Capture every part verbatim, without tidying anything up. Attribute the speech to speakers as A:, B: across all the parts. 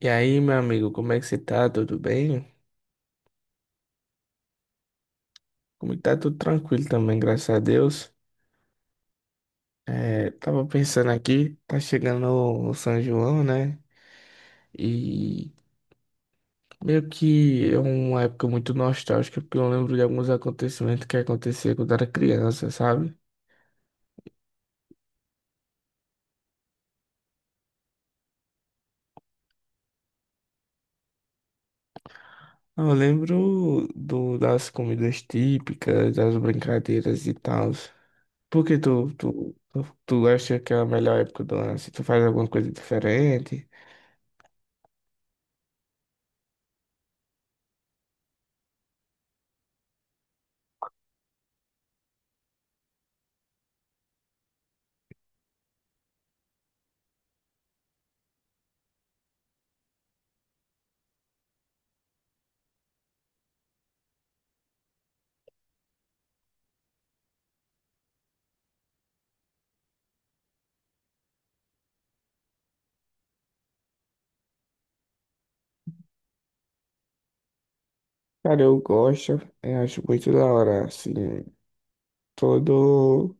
A: E aí, meu amigo, como é que você tá? Tudo bem? Como que tá? Tudo tranquilo também, graças a Deus. É, tava pensando aqui, tá chegando o São João, né? E meio que é uma época muito nostálgica, porque eu lembro de alguns acontecimentos que aconteciam quando era criança, sabe? Eu lembro do, das comidas típicas, das brincadeiras e tal. Por que tu, tu, tu, tu acha que é a melhor época do ano? Se tu faz alguma coisa diferente? Cara, eu gosto, eu acho muito da hora, assim, todo,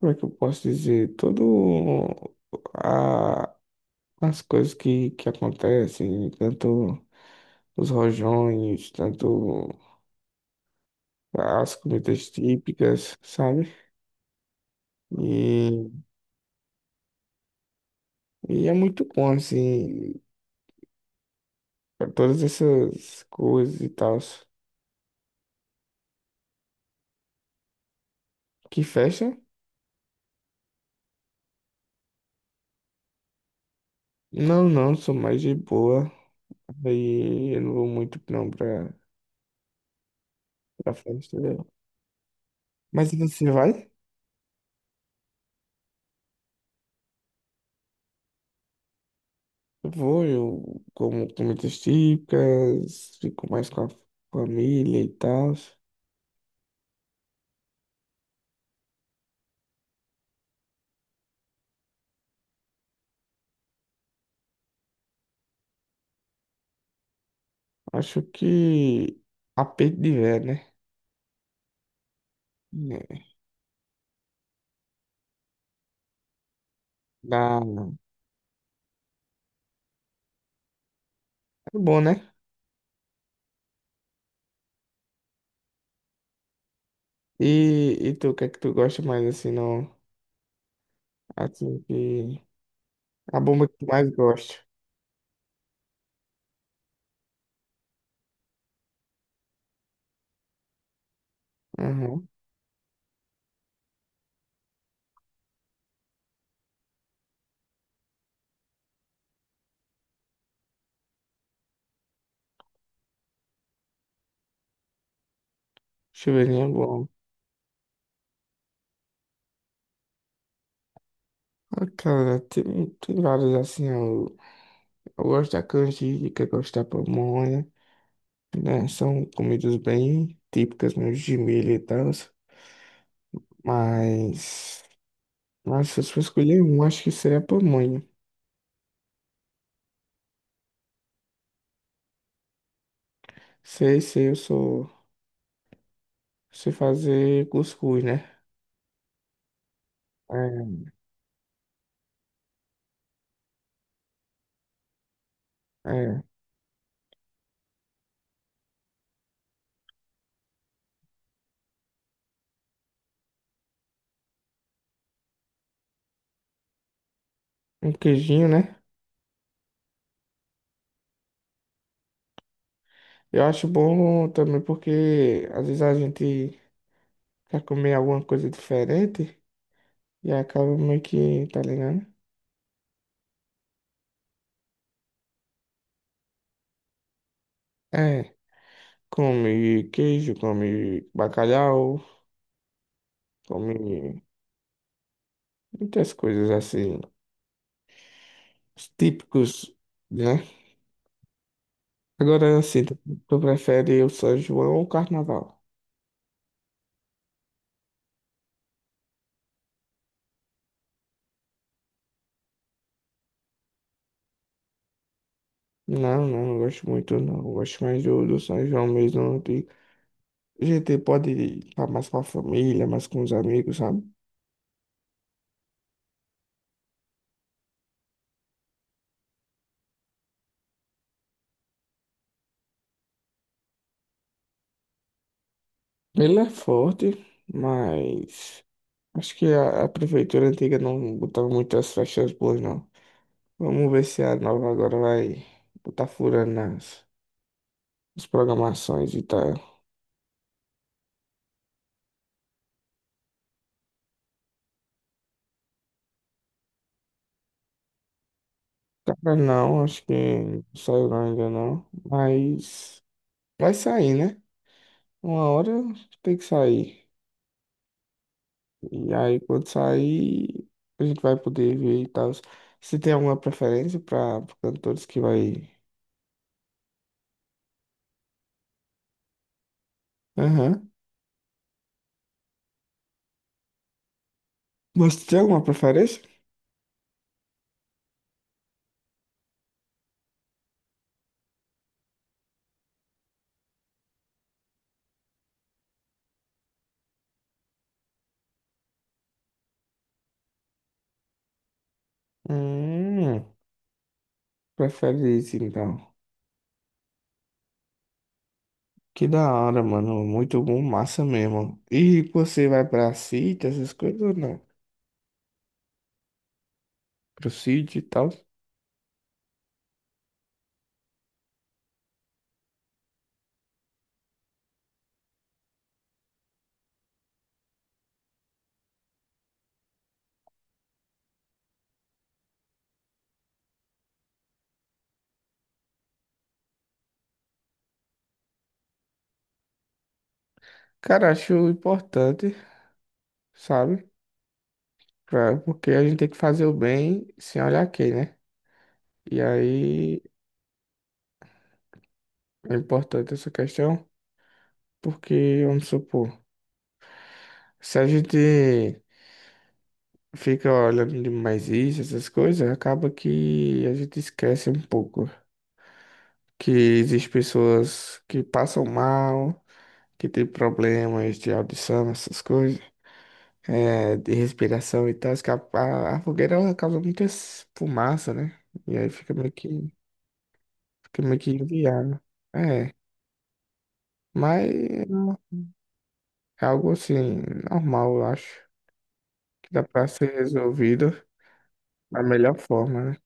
A: como é que eu posso dizer, todo a, as coisas que, que acontecem, tanto os rojões, tanto as comidas típicas, sabe? E, e é muito bom, assim, pra todas essas coisas e tal. Que festa? Não, não, sou mais de boa, aí eu não vou muito não pra, pra festa, né? Mas e você vai? Vou, eu como comidas típicas, fico mais com a família e tal. Acho que apetite de ver, né? Né, dá... É bom, né? E, e tu, o que é que tu gosta mais assim, não? Assim que. A bomba que tu mais gosta. Aham. Chuveirinho é bom. Ah, cara, tem, tem vários assim, eu, eu gosto da canjica, gosto da pamonha, né? São comidas bem típicas mesmo de milho e tal. Mas, nossa, se eu escolher um, acho que seria pamonha. Sei, sei, eu sou. Sei fazer cuscuz, né? É, é, um queijinho, né? Eu acho bom também porque às vezes a gente quer comer alguma coisa diferente e acaba meio que, tá ligado? É, come queijo, come bacalhau, come muitas coisas assim, os típicos, né? Agora, assim, tu tu prefere o São João ou o Carnaval? Não, não, não gosto muito, não. Eu gosto mais do, do São João mesmo. De G T pode ir pra- mais com a família, mais com os amigos, sabe? Ele é forte, mas acho que a, a prefeitura antiga não botava muitas festas boas, não. Vamos ver se a nova agora vai botar furando nas, nas programações e tal. Cara, não, acho que não saiu não ainda não. Mas vai sair, né? Uma hora tem que sair. E aí, quando sair, a gente vai poder ver e tal. Você tem alguma preferência para cantores que vai. Aham. Você tem alguma preferência? Hum, prefere isso então. Que da hora, mano. Muito bom, massa mesmo. E você vai pra sítio, essas coisas ou não? Pro sítio e tal. Cara, acho importante, sabe? Pra- porque a gente tem que fazer o bem sem olhar quem, né? E aí é importante essa questão, porque vamos supor. Se a gente fica olhando demais isso, essas coisas, acaba que a gente esquece um pouco que existem pessoas que passam mal, que tem problemas de audição, essas coisas, é, de respiração e tal. Que a, a- a fogueira ela causa muita fumaça, né? E aí fica meio que, fica meio que inviável. É, mas é algo assim, normal, eu acho, que dá pra ser resolvido da melhor forma, né?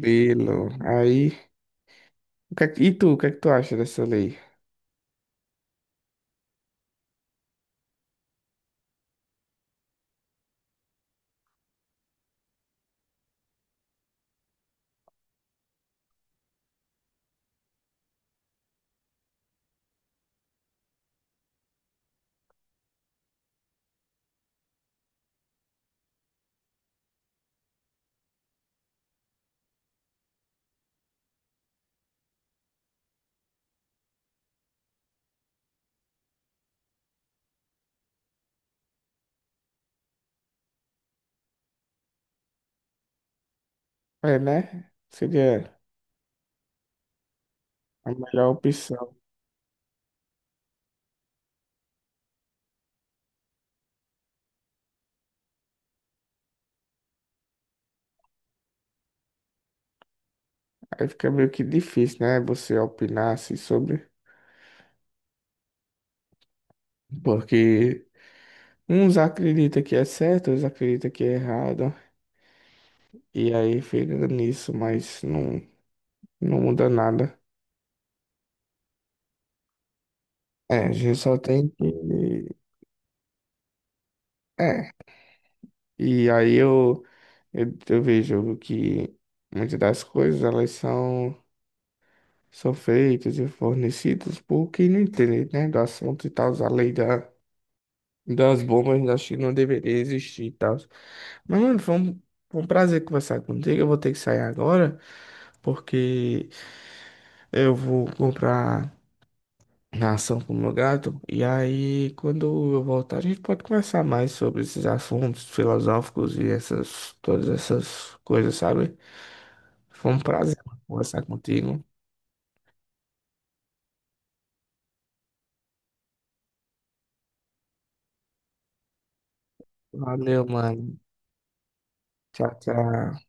A: Bilo, aí. O que é que- e tu, o que é que tu acha dessa lei? É, né? Seria a melhor opção. Aí fica meio que difícil, né? Você opinar assim sobre. Porque uns acreditam que é certo, outros acreditam que é errado. E aí fica nisso, mas não, não muda nada. É, a gente só tem que. É. E aí eu, eu, eu vejo que muitas das coisas elas são, são feitas e fornecidas por quem não entende, né? Do assunto e tal, a lei da. Das bombas, acho que não deveria existir e tal. Mas, mano, foi um, foi um prazer conversar contigo. Eu vou ter que sair agora, porque eu vou comprar ração pro meu gato. E aí, quando eu voltar, a gente pode conversar mais sobre esses assuntos filosóficos e essas, todas essas coisas, sabe? Foi um prazer conversar contigo. Valeu, mano. Tchau, tchau.